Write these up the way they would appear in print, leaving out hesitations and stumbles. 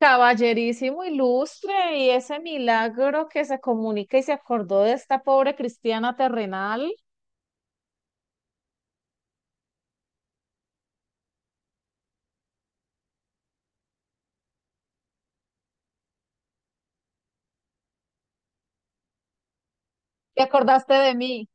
Caballerísimo ilustre, y ese milagro que se comunica y se acordó de esta pobre cristiana terrenal. ¿Te acordaste de mí?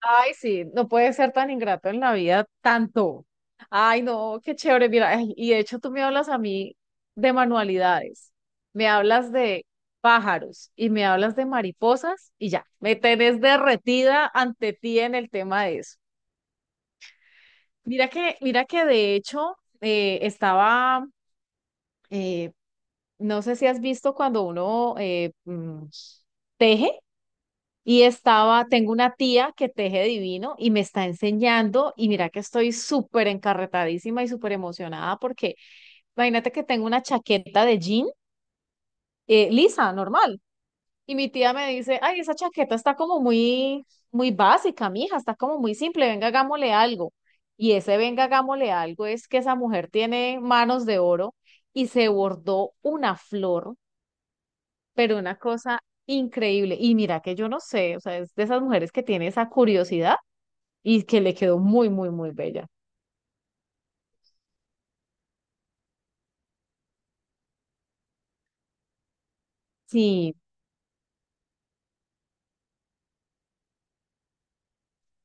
Ay, sí, no puede ser tan ingrato en la vida tanto. Ay, no, qué chévere. Mira, ay, y de hecho tú me hablas a mí de manualidades, me hablas de pájaros y me hablas de mariposas y ya, me tenés derretida ante ti en el tema de eso. Mira que de hecho eh, estaba, eh, no sé si has visto cuando uno teje y estaba, tengo una tía que teje divino y me está enseñando y mira que estoy súper encarretadísima y súper emocionada porque imagínate que tengo una chaqueta de jean lisa, normal. Y mi tía me dice, ay, esa chaqueta está como muy, muy básica, mija, está como muy simple, venga, hagámosle algo. Y ese venga, hagámosle algo es que esa mujer tiene manos de oro y se bordó una flor pero una cosa increíble. Y mira que yo no sé, o sea, es de esas mujeres que tiene esa curiosidad y que le quedó muy, muy, muy bella. Sí,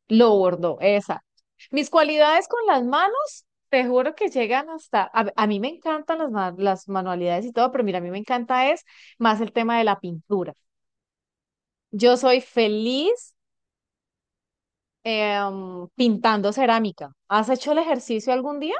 lo bordó, esa. Mis cualidades con las manos, te juro que llegan hasta, a mí me encantan las, las manualidades y todo, pero mira, a mí me encanta es más el tema de la pintura. Yo soy feliz pintando cerámica. ¿Has hecho el ejercicio algún día?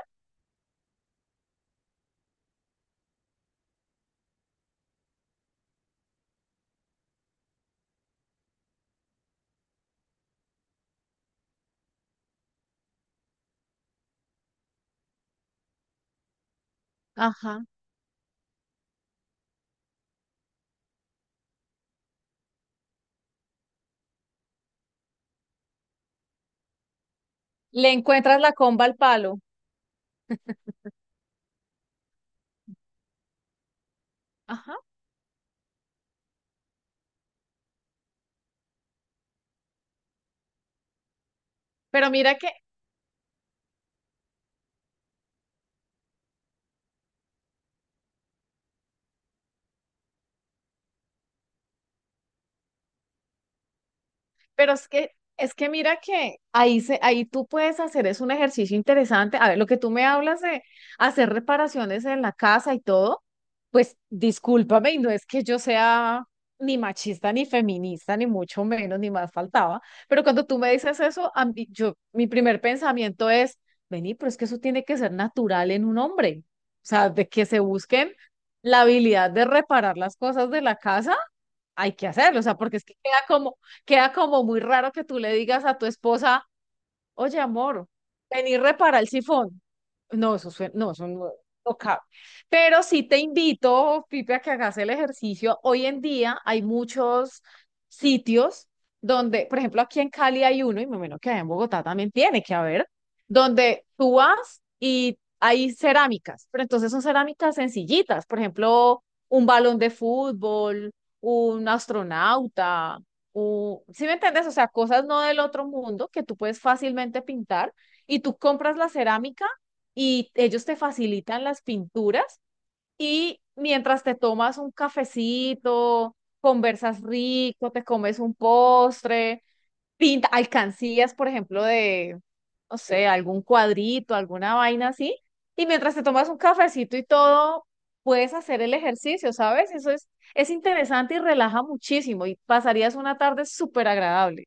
Ajá. Le encuentras la comba al palo. Ajá. Pero mira que, pero es que mira que ahí, se, ahí tú puedes hacer, es un ejercicio interesante. A ver, lo que tú me hablas de hacer reparaciones en la casa y todo, pues discúlpame, y no es que yo sea ni machista, ni feminista, ni mucho menos, ni más faltaba. Pero cuando tú me dices eso, a mí- yo, mi primer pensamiento es, vení, pero es que eso tiene que ser natural en un hombre. O sea, de que se busquen la habilidad de reparar las cosas de la casa hay que hacerlo, o sea, porque es que queda como muy raro que tú le digas a tu esposa, oye, amor, vení, repara el sifón. No, eso suena, no, eso no, no cabe. Pero sí te invito, Pipe, a que hagas el ejercicio. Hoy en día hay muchos sitios donde, por ejemplo, aquí en Cali hay uno, y me imagino que allá en Bogotá también tiene que haber, donde tú vas y hay cerámicas, pero entonces son cerámicas sencillitas, por ejemplo, un balón de fútbol, un astronauta, o, ¿sí me entiendes? O sea, cosas no del otro mundo que tú puedes fácilmente pintar y tú compras la cerámica y ellos te facilitan las pinturas y mientras te tomas un cafecito, conversas rico, te comes un postre, pinta, alcancías, por ejemplo, de, no sé, algún cuadrito, alguna vaina así. Y mientras te tomas un cafecito y todo, puedes hacer el ejercicio, ¿sabes? Eso es interesante y relaja muchísimo y pasarías una tarde súper agradable.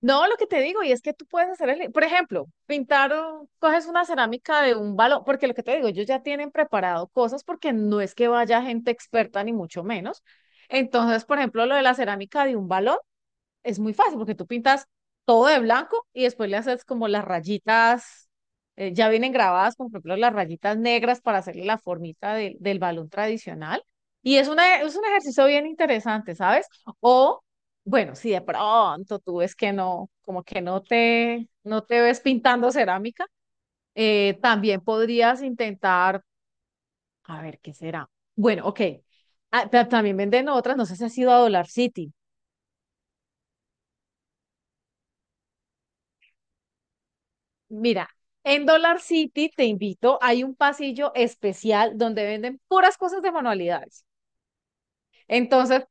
No, lo que te digo, y es que tú puedes hacer el, por ejemplo, pintar, un- coges una cerámica de un balón, porque lo que te digo, ellos ya tienen preparado cosas porque no es que vaya gente experta ni mucho menos. Entonces, por ejemplo, lo de la cerámica de un balón. Es muy fácil porque tú pintas todo de blanco y después le haces como las rayitas, ya vienen grabadas, como por ejemplo las rayitas negras para hacerle la formita del balón tradicional. Y es, una, es un ejercicio bien interesante, ¿sabes? O, bueno, si de pronto tú ves que no, como que no te, no te ves pintando cerámica, también podrías intentar, a ver, ¿qué será? Bueno, ok. Ah, pero también venden otras, no sé si has ido a Dollar City. Mira, en Dollar City te invito, hay un pasillo especial donde venden puras cosas de manualidades. Entonces,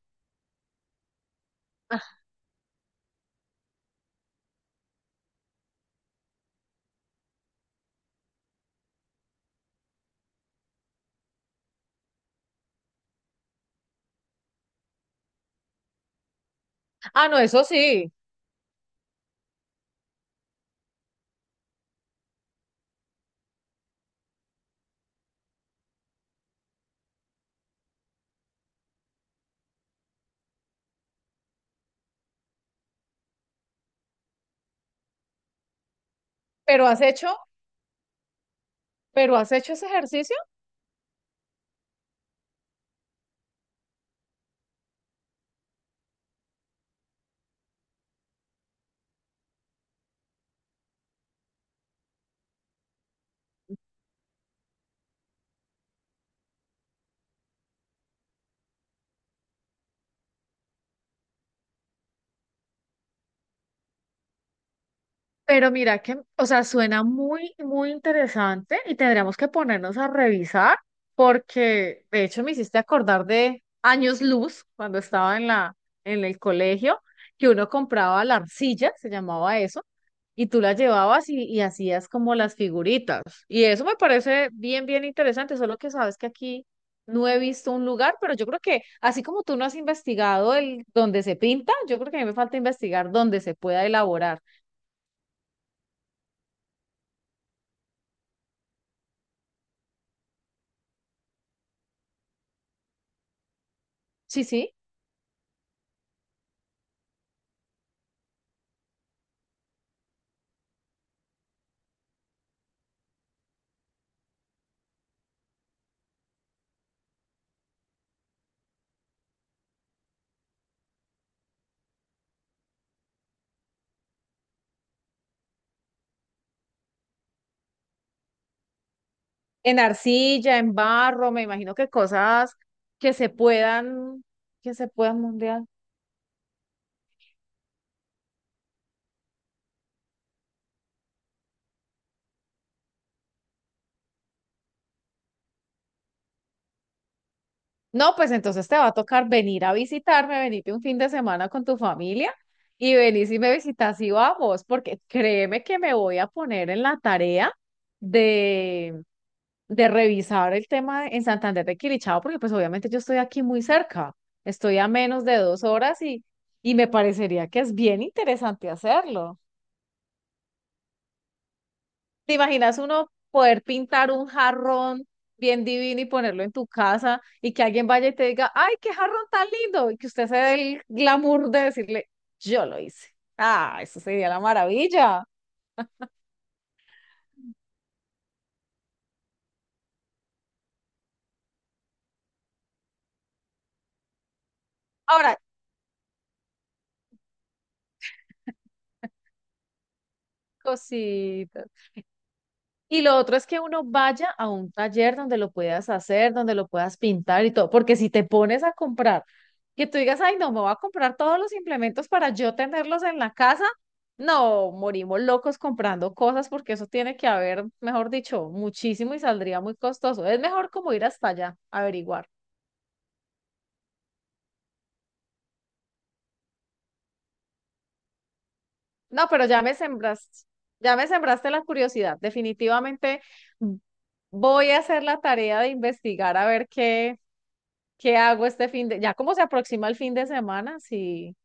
ah, no, eso sí, pero has hecho, pero has hecho ese ejercicio. Pero mira que, o sea, suena muy, muy interesante y tendríamos que ponernos a revisar porque de hecho me hiciste acordar de años luz cuando estaba en la, en el colegio, que uno compraba la arcilla, se llamaba eso, y tú la llevabas y hacías como las figuritas. Y eso me parece bien, bien interesante, solo que sabes que aquí no he visto un lugar, pero yo creo que así como tú no has investigado el donde se pinta, yo creo que a mí me falta investigar dónde se pueda elaborar. Sí, sí. En arcilla, en barro, me imagino que cosas que se puedan, que se puedan mundial. No, pues entonces te va a tocar venir a visitarme, venirte un fin de semana con tu familia y venís y me visitas y vamos, porque créeme que me voy a poner en la tarea de, de revisar el tema en Santander de Quilichao, porque pues obviamente yo estoy aquí muy cerca, estoy a menos de 2 horas y me parecería que es bien interesante hacerlo. ¿Te imaginas uno poder pintar un jarrón bien divino y ponerlo en tu casa y que alguien vaya y te diga, ay, qué jarrón tan lindo? Y que usted se dé el glamour de decirle, yo lo hice. Ah, eso sería la maravilla. Ahora, cositas. Y lo otro es que uno vaya a un taller donde lo puedas hacer, donde lo puedas pintar y todo, porque si te pones a comprar que tú digas, ay, no, me voy a comprar todos los implementos para yo tenerlos en la casa. No, morimos locos comprando cosas porque eso tiene que haber, mejor dicho, muchísimo y saldría muy costoso. Es mejor como ir hasta allá, averiguar. No, pero ya me sembraste la curiosidad. Definitivamente voy a hacer la tarea de investigar a ver qué, qué hago este fin de, ya como se aproxima el fin de semana, sí.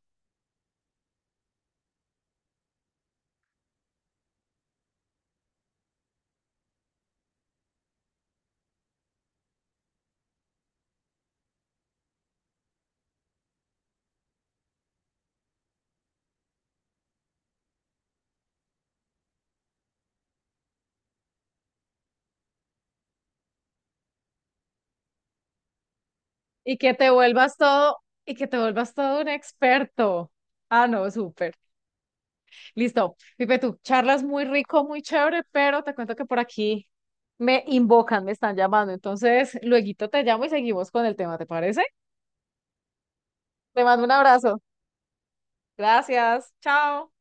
Y que te vuelvas todo, y que te vuelvas todo un experto. Ah, no, súper. Listo. Pipe, tú charlas muy rico, muy chévere, pero te cuento que por aquí me invocan, me están llamando. Entonces, luego te llamo y seguimos con el tema, ¿te parece? Te mando un abrazo. Gracias. Chao.